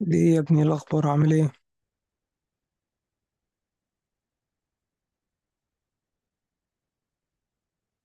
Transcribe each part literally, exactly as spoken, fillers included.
ليه يا ابني إيه الأخبار عامل ايه؟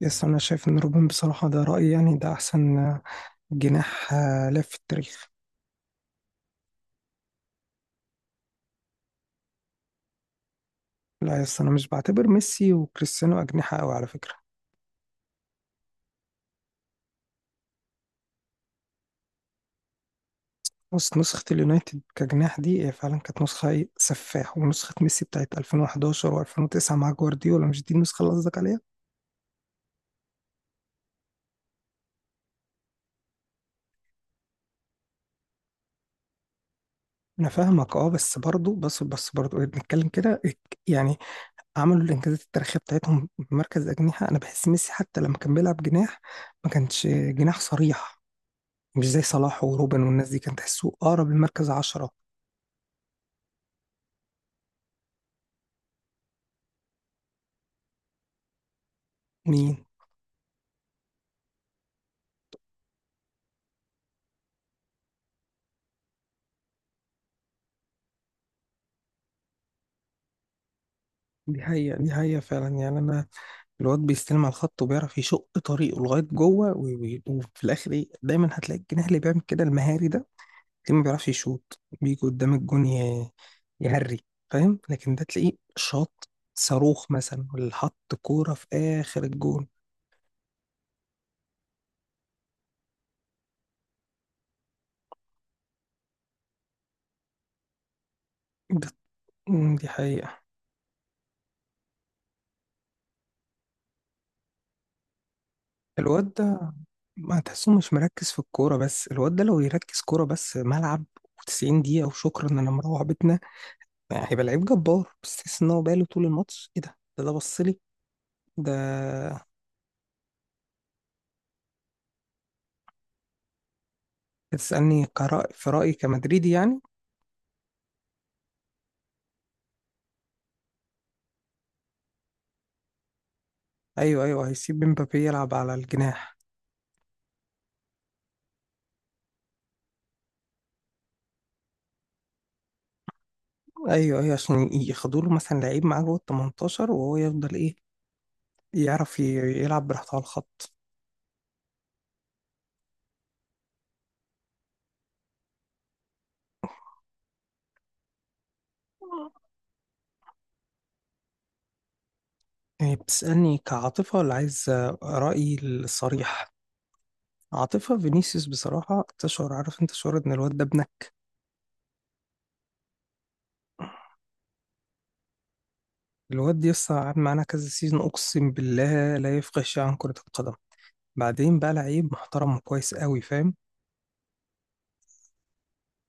يس، أنا شايف إن روبن بصراحة، ده رأيي يعني، ده أحسن آه، جناح. آه، لف في التاريخ. لا يس، أنا مش بعتبر ميسي وكريستيانو أجنحة أوي على فكرة. بص، نسخة اليونايتد كجناح دي هي فعلا كانت نسخة إيه؟ سفاح. ونسخة ميسي بتاعت ألفين وحداشر و2009 مع جوارديولا، مش دي النسخة اللي قصدك عليها؟ أنا فاهمك أه بس برضه، بس بس برضه إيه، بنتكلم كده إيه، يعني عملوا الإنجازات التاريخية بتاعتهم بمركز أجنحة. أنا بحس ميسي حتى لما كان بيلعب جناح، ما كانش جناح صريح، مش زي صلاح وروبن والناس دي، كان تحسه أقرب للمركز عشرة. مين؟ دي حقيقة، دي حقيقة فعلا، يعني أنا الواد بيستلم على الخط وبيعرف يشق طريقه لغاية جوه، و- و- وفي الآخر إيه، دايما هتلاقي الجناح اللي بيعمل كده المهاري ده، تلاقيه ما بيعرفش يشوط، بيجي قدام الجون ي- يهري. فاهم؟ لكن ده تلاقيه شاط صاروخ مثلا، ولا حط كورة في آخر الجون. ده- مم، دي حقيقة. الواد ما تحسه مش مركز في الكورة، بس الواد ده لو يركز كورة بس، ملعب وتسعين دقيقة وشكرا إن أنا مروح بيتنا يعني، هيبقى لعيب جبار. بس تحس إن هو باله طول الماتش إيه، ده ده ده بص لي ده. بتسألني كرأي؟ في رأيي كمدريدي يعني. أيوه أيوه، هيسيب مبابي يلعب على الجناح. أيوه أيوه، عشان ياخدوا له مثلا لعيب معاه جوه ال تمنتاشر، وهو يفضل إيه، يعرف ي- يلعب براحته على الخط. يعني بتسألني كعاطفة ولا عايز رأيي الصريح؟ عاطفة، فينيسيوس بصراحة تشعر، عارف انت شعور ان الواد ده ابنك؟ الواد دي لسه قعد معانا كذا سيزون، اقسم بالله لا يفقه شيء عن كرة القدم. بعدين بقى لعيب محترم وكويس قوي، فاهم؟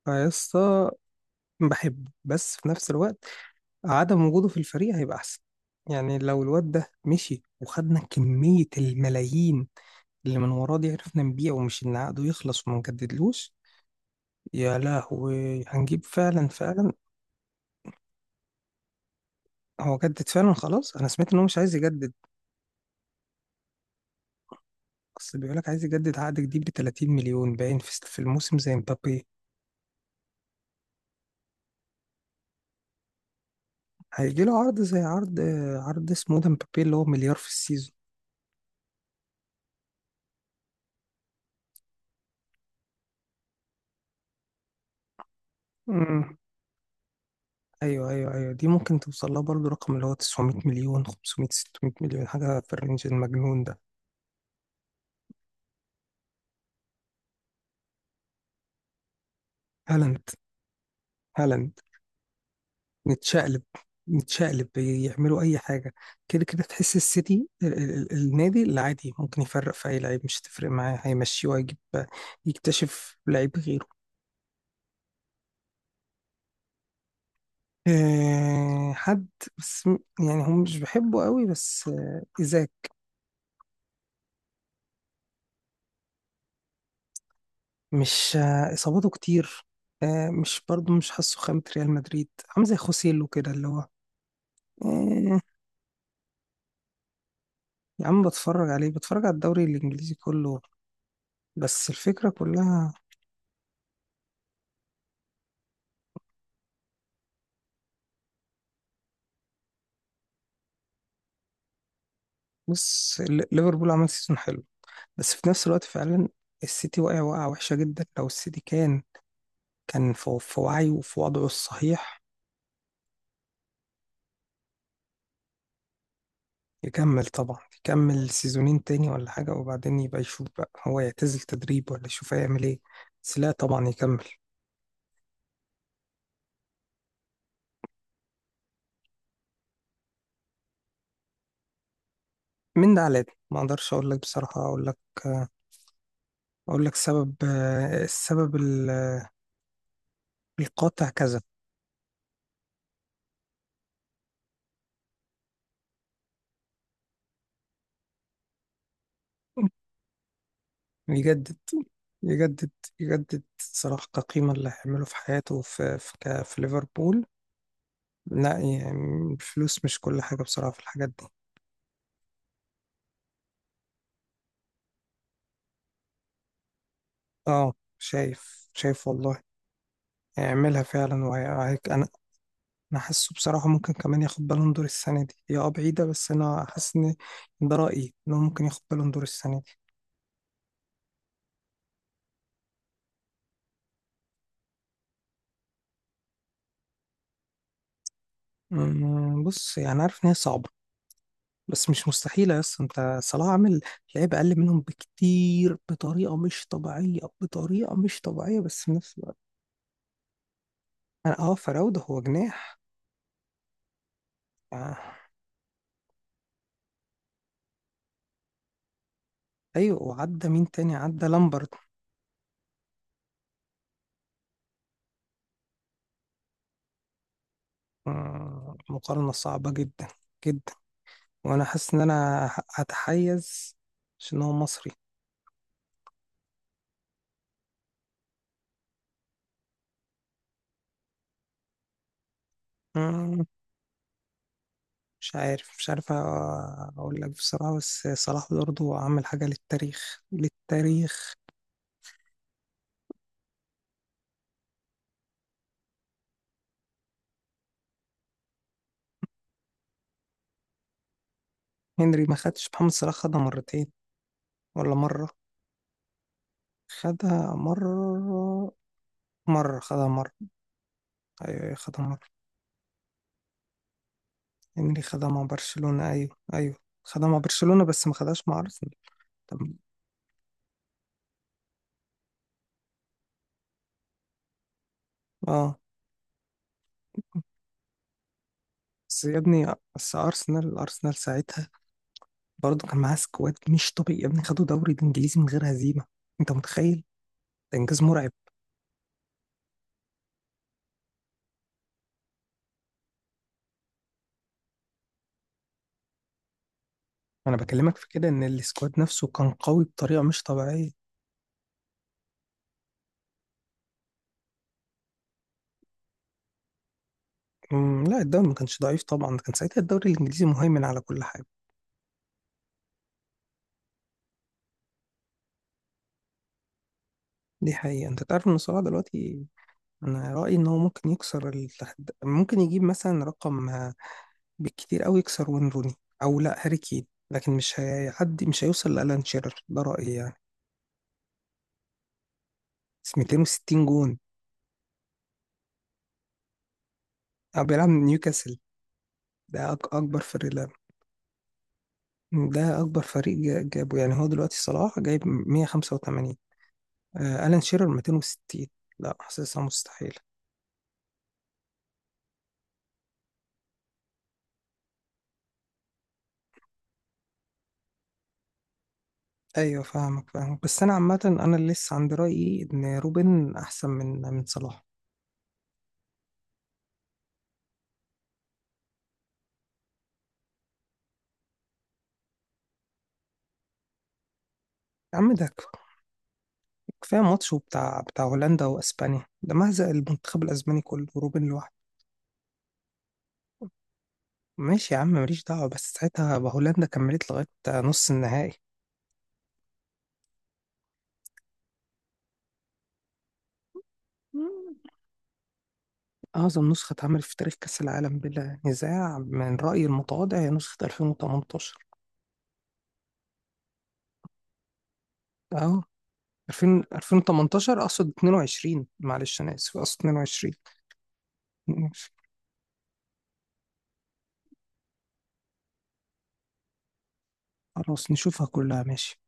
فيسطا، بحبه، بس في نفس الوقت عدم وجوده في الفريق هيبقى احسن. يعني لو الواد ده مشي وخدنا كمية الملايين اللي من وراه دي، عرفنا نبيعه، ومش ان عقده يخلص وما نجددلوش، يا لهوي هنجيب، فعلا فعلا. هو جدد فعلا خلاص؟ انا سمعت ان هو مش عايز يجدد. اصل بيقول لك عايز يجدد عقد جديد ب تلاتين مليون باين في في الموسم زي مبابي. هيجي له عرض زي عرض، عرض اسمه ده مبابي، اللي هو مليار في السيزون. امم، ايوه ايوه ايوه، دي ممكن توصل لها برضه، رقم اللي هو تسعمائة مليون، خمسمية، ستمائة مليون، حاجه في الرينج المجنون ده. هالاند، هالاند. نتشقلب، نتشقلب يعملوا اي حاجه. كده كده تحس السيتي، ال- ال- ال- النادي اللي عادي ممكن يفرق في اي لعيب، مش هتفرق معاه، هيمشيه وهيجيب، يكتشف لعيب. آه، حد، بس م- يعني هم مش بيحبوا قوي، بس آه، إيزاك. مش، آه، إصاباته كتير. آه، مش برضه مش حاسه خامة ريال مدريد، عامل زي خوسيلو كده اللي هو آه، يا عم بتفرج عليه، بتفرج على الدوري الإنجليزي كله، بس الفكرة كلها. بص، ال- ليفربول عمل سيزون حلو، بس في نفس الوقت فعلا السيتي واقع وقعة وحشة جدا، لو السيتي كان كان في في وعيه وفي وضعه الصحيح. يكمل طبعا، يكمل سيزونين تاني ولا حاجة، وبعدين يبقى يشوف بقى هو يعتزل تدريب ولا يشوف هيعمل ايه، بس لا طبعا يكمل. من ده على ده ما اقدرش اقول لك بصراحة، اقول لك، اقول لك سبب، آه، السبب ال- القاطع كذا. يجدد، يجدد، يجدد صلاح كقيمة اللي هيعمله في حياته، في في, ك- في ليفربول. لا يعني الفلوس مش كل حاجة بصراحة في الحاجات دي. اه، شايف شايف والله، هيعملها فعلا وهي... انا حاسه بصراحه ممكن كمان ياخد بالون دور السنه دي، هي اه بعيده بس انا حاسس ان ده رايي، ان هو ممكن ياخد بالون دور السنه دي. أمم، بص يعني، عارف ان هي صعبه بس مش مستحيله يا اسطى. انت صلاح عامل لعيبه اقل منهم بكتير بطريقه مش طبيعيه، بطريقه مش طبيعيه، بس في نفس الوقت انا اه فراوده هو جناح. آه. ايوه، وعدى مين تاني؟ عدى لامبرد. أمم، مقارنه صعبه جدا جدا، وانا حاسس ان انا هتحيز عشان هو مصري. مش عارف، مش عارف اقول لك بصراحة، بس صلاح برضه عمل حاجة للتاريخ، للتاريخ. هنري ما خدش، محمد صلاح خدها مرتين ولا مرة؟ خدها مرة، مرة خدها مرة. ايوه، أيوة، خدها مرة. هنري خدها مع برشلونة، ايوه ايوه. خدها مع برشلونة بس ما خدهاش مع ارسنال. طب اه بس يا ابني، بس ارسنال، ارسنال ساعتها برضه كان معاه سكواد مش طبيعي يا ابني، خدوا دوري الانجليزي من غير هزيمة، انت متخيل؟ ده انجاز مرعب. انا بكلمك في كده ان السكواد نفسه كان قوي بطريقه مش طبيعيه. أمم، لا الدوري ما كانش ضعيف طبعا، كان ساعتها الدوري الانجليزي مهيمن على كل حاجه. دي حقيقه. انت تعرف ان صلاح دلوقتي، انا رايي ان هو ممكن يكسر التحد... ممكن يجيب مثلا رقم، آه، بالكتير قوي يكسر وين روني، او لا هاري كين، لكن مش هيعدي، مش هيوصل لالان شيرر، ده رايي يعني. بس ميتين وستين جون. أو بيلعب من نيوكاسل. ده أك- اكبر فريق. لا ده اكبر فريق جا- جابه. يعني هو دلوقتي صلاح جايب مية وخمسة وتمانين، آه، ألان شيرر ميتين وستين. لا حاسسها مستحيلة. أيوة فاهمك، فاهمك، بس أنا عامة أنا اللي لسه عند رأيي إن روبن أحسن من من صلاح. يا عم ده ك- كفاية ماتشه بتاع بتاع هولندا وأسبانيا ده مهزق المنتخب الأسباني كله، وروبن لوحده. ماشي يا عم ماليش دعوة، بس ساعتها هولندا كملت لغاية نص النهائي. أعظم نسخة اتعملت في تاريخ كأس العالم بلا نزاع من رأيي المتواضع هي نسخة ألفين وتمنتاشر. أهو ألفين، ألفين وتمنتاشر اقصد اتنين وعشرين، معلش انا اسف اقصد ألفين واتنين وعشرين. خلاص نشوفها كلها، ماشي.